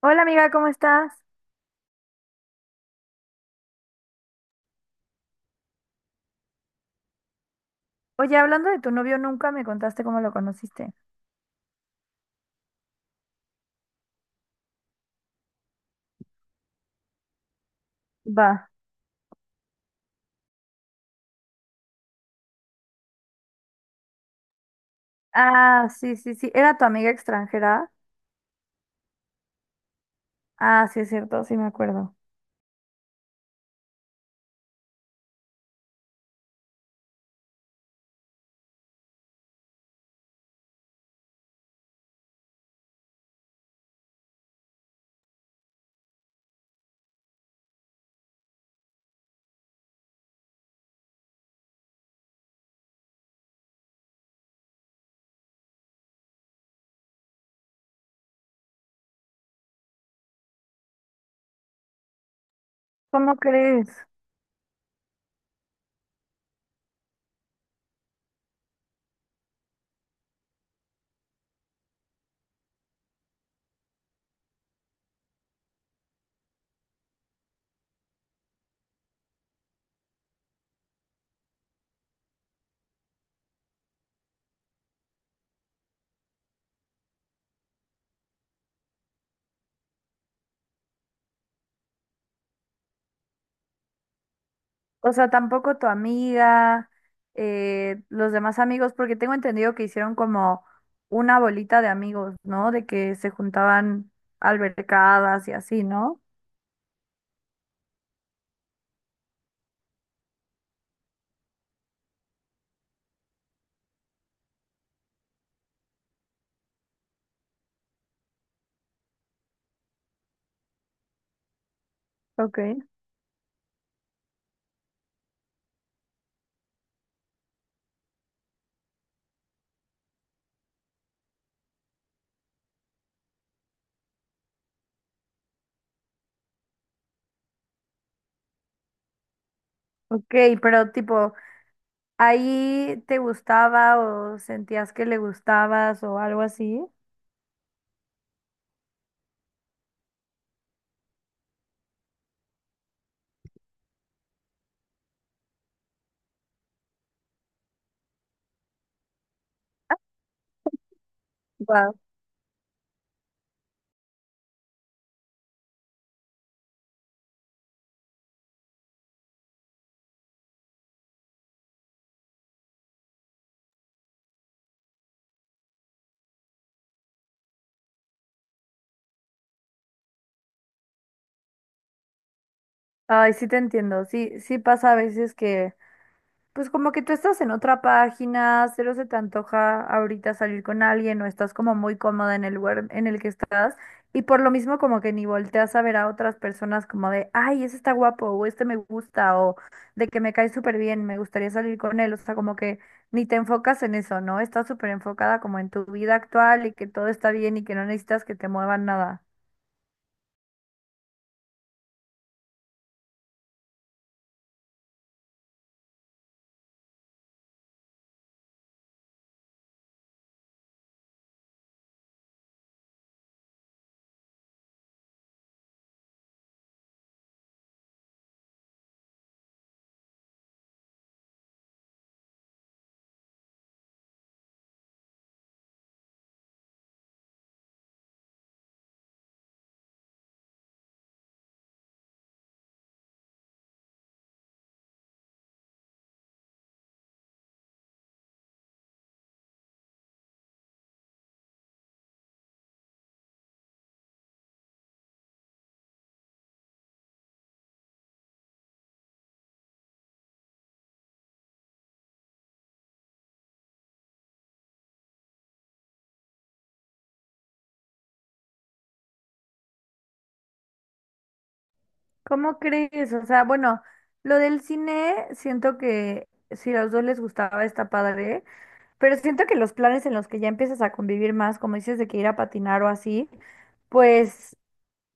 Hola amiga, ¿cómo estás? Oye, hablando de tu novio, nunca me contaste cómo lo conociste. Va. Ah, sí, sí, sí. ¿Era tu amiga extranjera? Ah, sí, es cierto, sí me acuerdo. ¿Cómo crees? O sea, tampoco tu amiga, los demás amigos, porque tengo entendido que hicieron como una bolita de amigos, ¿no? De que se juntaban albercadas y así, ¿no? Ok. Ok, pero tipo, ¿ahí te gustaba o sentías que le gustabas o algo así? Ay, sí te entiendo, sí, sí pasa a veces que, pues como que tú estás en otra página, cero se te antoja ahorita salir con alguien o estás como muy cómoda en el lugar en el que estás y por lo mismo como que ni volteas a ver a otras personas como de, ay, ese está guapo o este me gusta o de que me cae súper bien, me gustaría salir con él, o sea, como que ni te enfocas en eso, ¿no? Estás súper enfocada como en tu vida actual y que todo está bien y que no necesitas que te muevan nada. ¿Cómo crees? O sea, bueno, lo del cine, siento que si a los dos les gustaba está padre, pero siento que los planes en los que ya empiezas a convivir más, como dices, de que ir a patinar o así, pues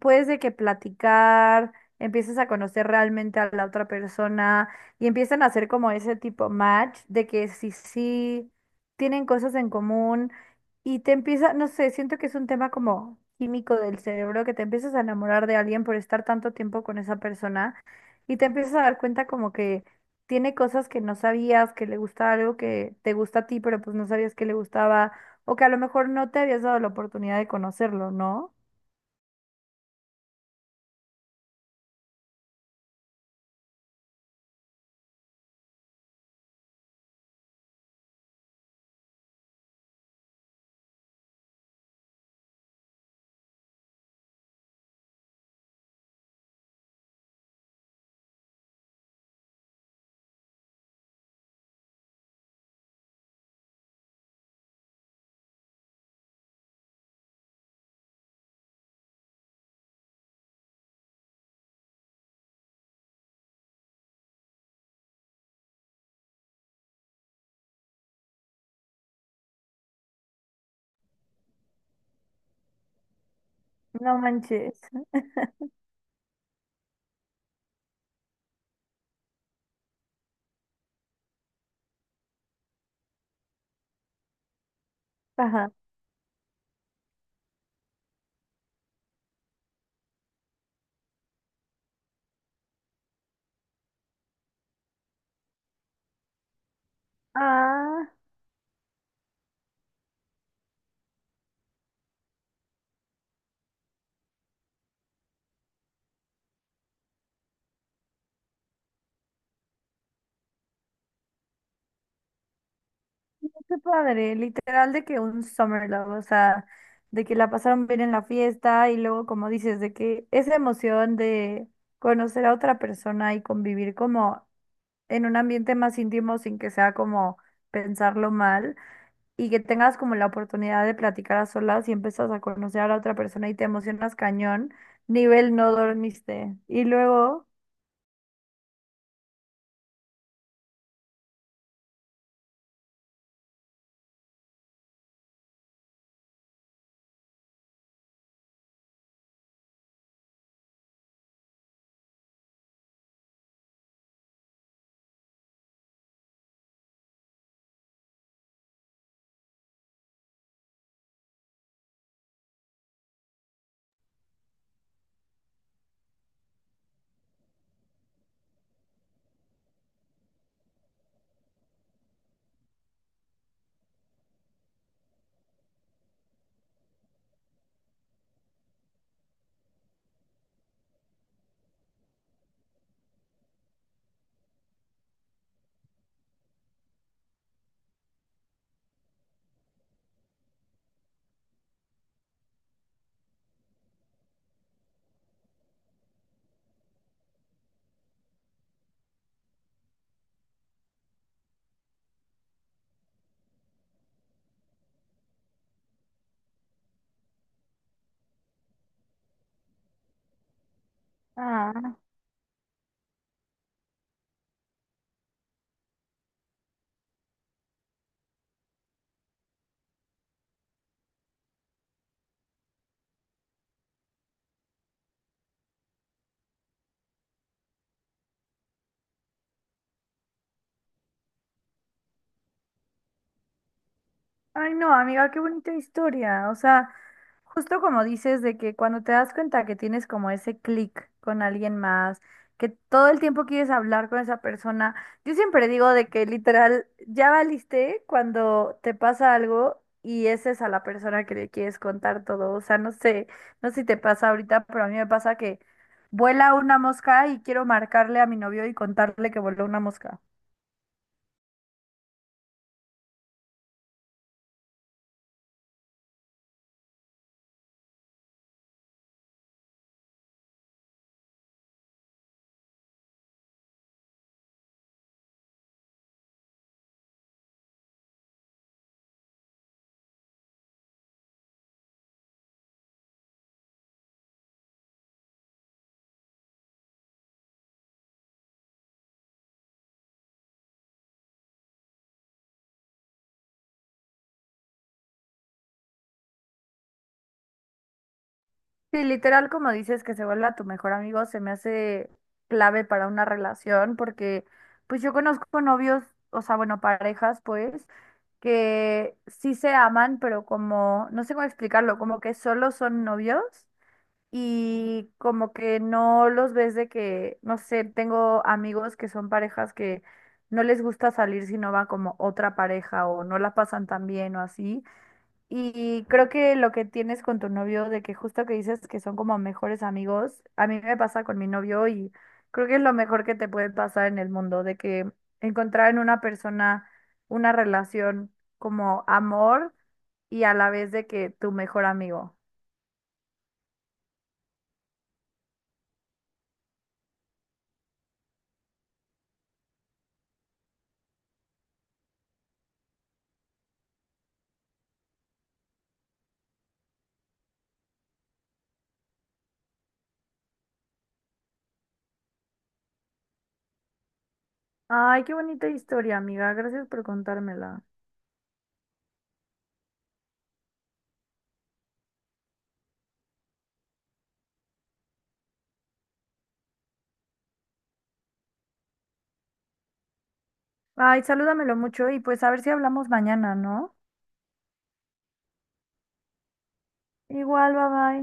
puedes de que platicar, empieces a conocer realmente a la otra persona y empiezan a hacer como ese tipo match de que sí, sí, tienen cosas en común y te empieza, no sé, siento que es un tema como químico del cerebro, que te empiezas a enamorar de alguien por estar tanto tiempo con esa persona y te empiezas a dar cuenta como que tiene cosas que no sabías, que le gusta algo que te gusta a ti, pero pues no sabías que le gustaba. O que a lo mejor no te habías dado la oportunidad de conocerlo, ¿no? No manches. Ajá. Ah, qué padre. Literal de que un summer love, o sea, de que la pasaron bien en la fiesta y luego, como dices, de que esa emoción de conocer a otra persona y convivir como en un ambiente más íntimo sin que sea como pensarlo mal y que tengas como la oportunidad de platicar a solas y empiezas a conocer a la otra persona y te emocionas cañón, nivel no dormiste. Y luego, ah, ay no, amiga, qué bonita historia, o sea. Justo como dices, de que cuando te das cuenta que tienes como ese clic con alguien más, que todo el tiempo quieres hablar con esa persona, yo siempre digo de que literal ya valiste cuando te pasa algo y esa es a la persona que le quieres contar todo. O sea, no sé, no sé si te pasa ahorita, pero a mí me pasa que vuela una mosca y quiero marcarle a mi novio y contarle que voló una mosca. Sí, literal, como dices, que se vuelva tu mejor amigo, se me hace clave para una relación, porque pues yo conozco novios, o sea, bueno, parejas, pues, que sí se aman, pero como, no sé cómo explicarlo, como que solo son novios y como que no los ves de que, no sé, tengo amigos que son parejas que no les gusta salir si no va como otra pareja o no la pasan tan bien o así. Y creo que lo que tienes con tu novio, de que justo que dices que son como mejores amigos, a mí me pasa con mi novio y creo que es lo mejor que te puede pasar en el mundo, de que encontrar en una persona una relación como amor y a la vez de que tu mejor amigo. Ay, qué bonita historia, amiga. Gracias por contármela. Ay, salúdamelo mucho y pues a ver si hablamos mañana, ¿no? Igual, bye bye.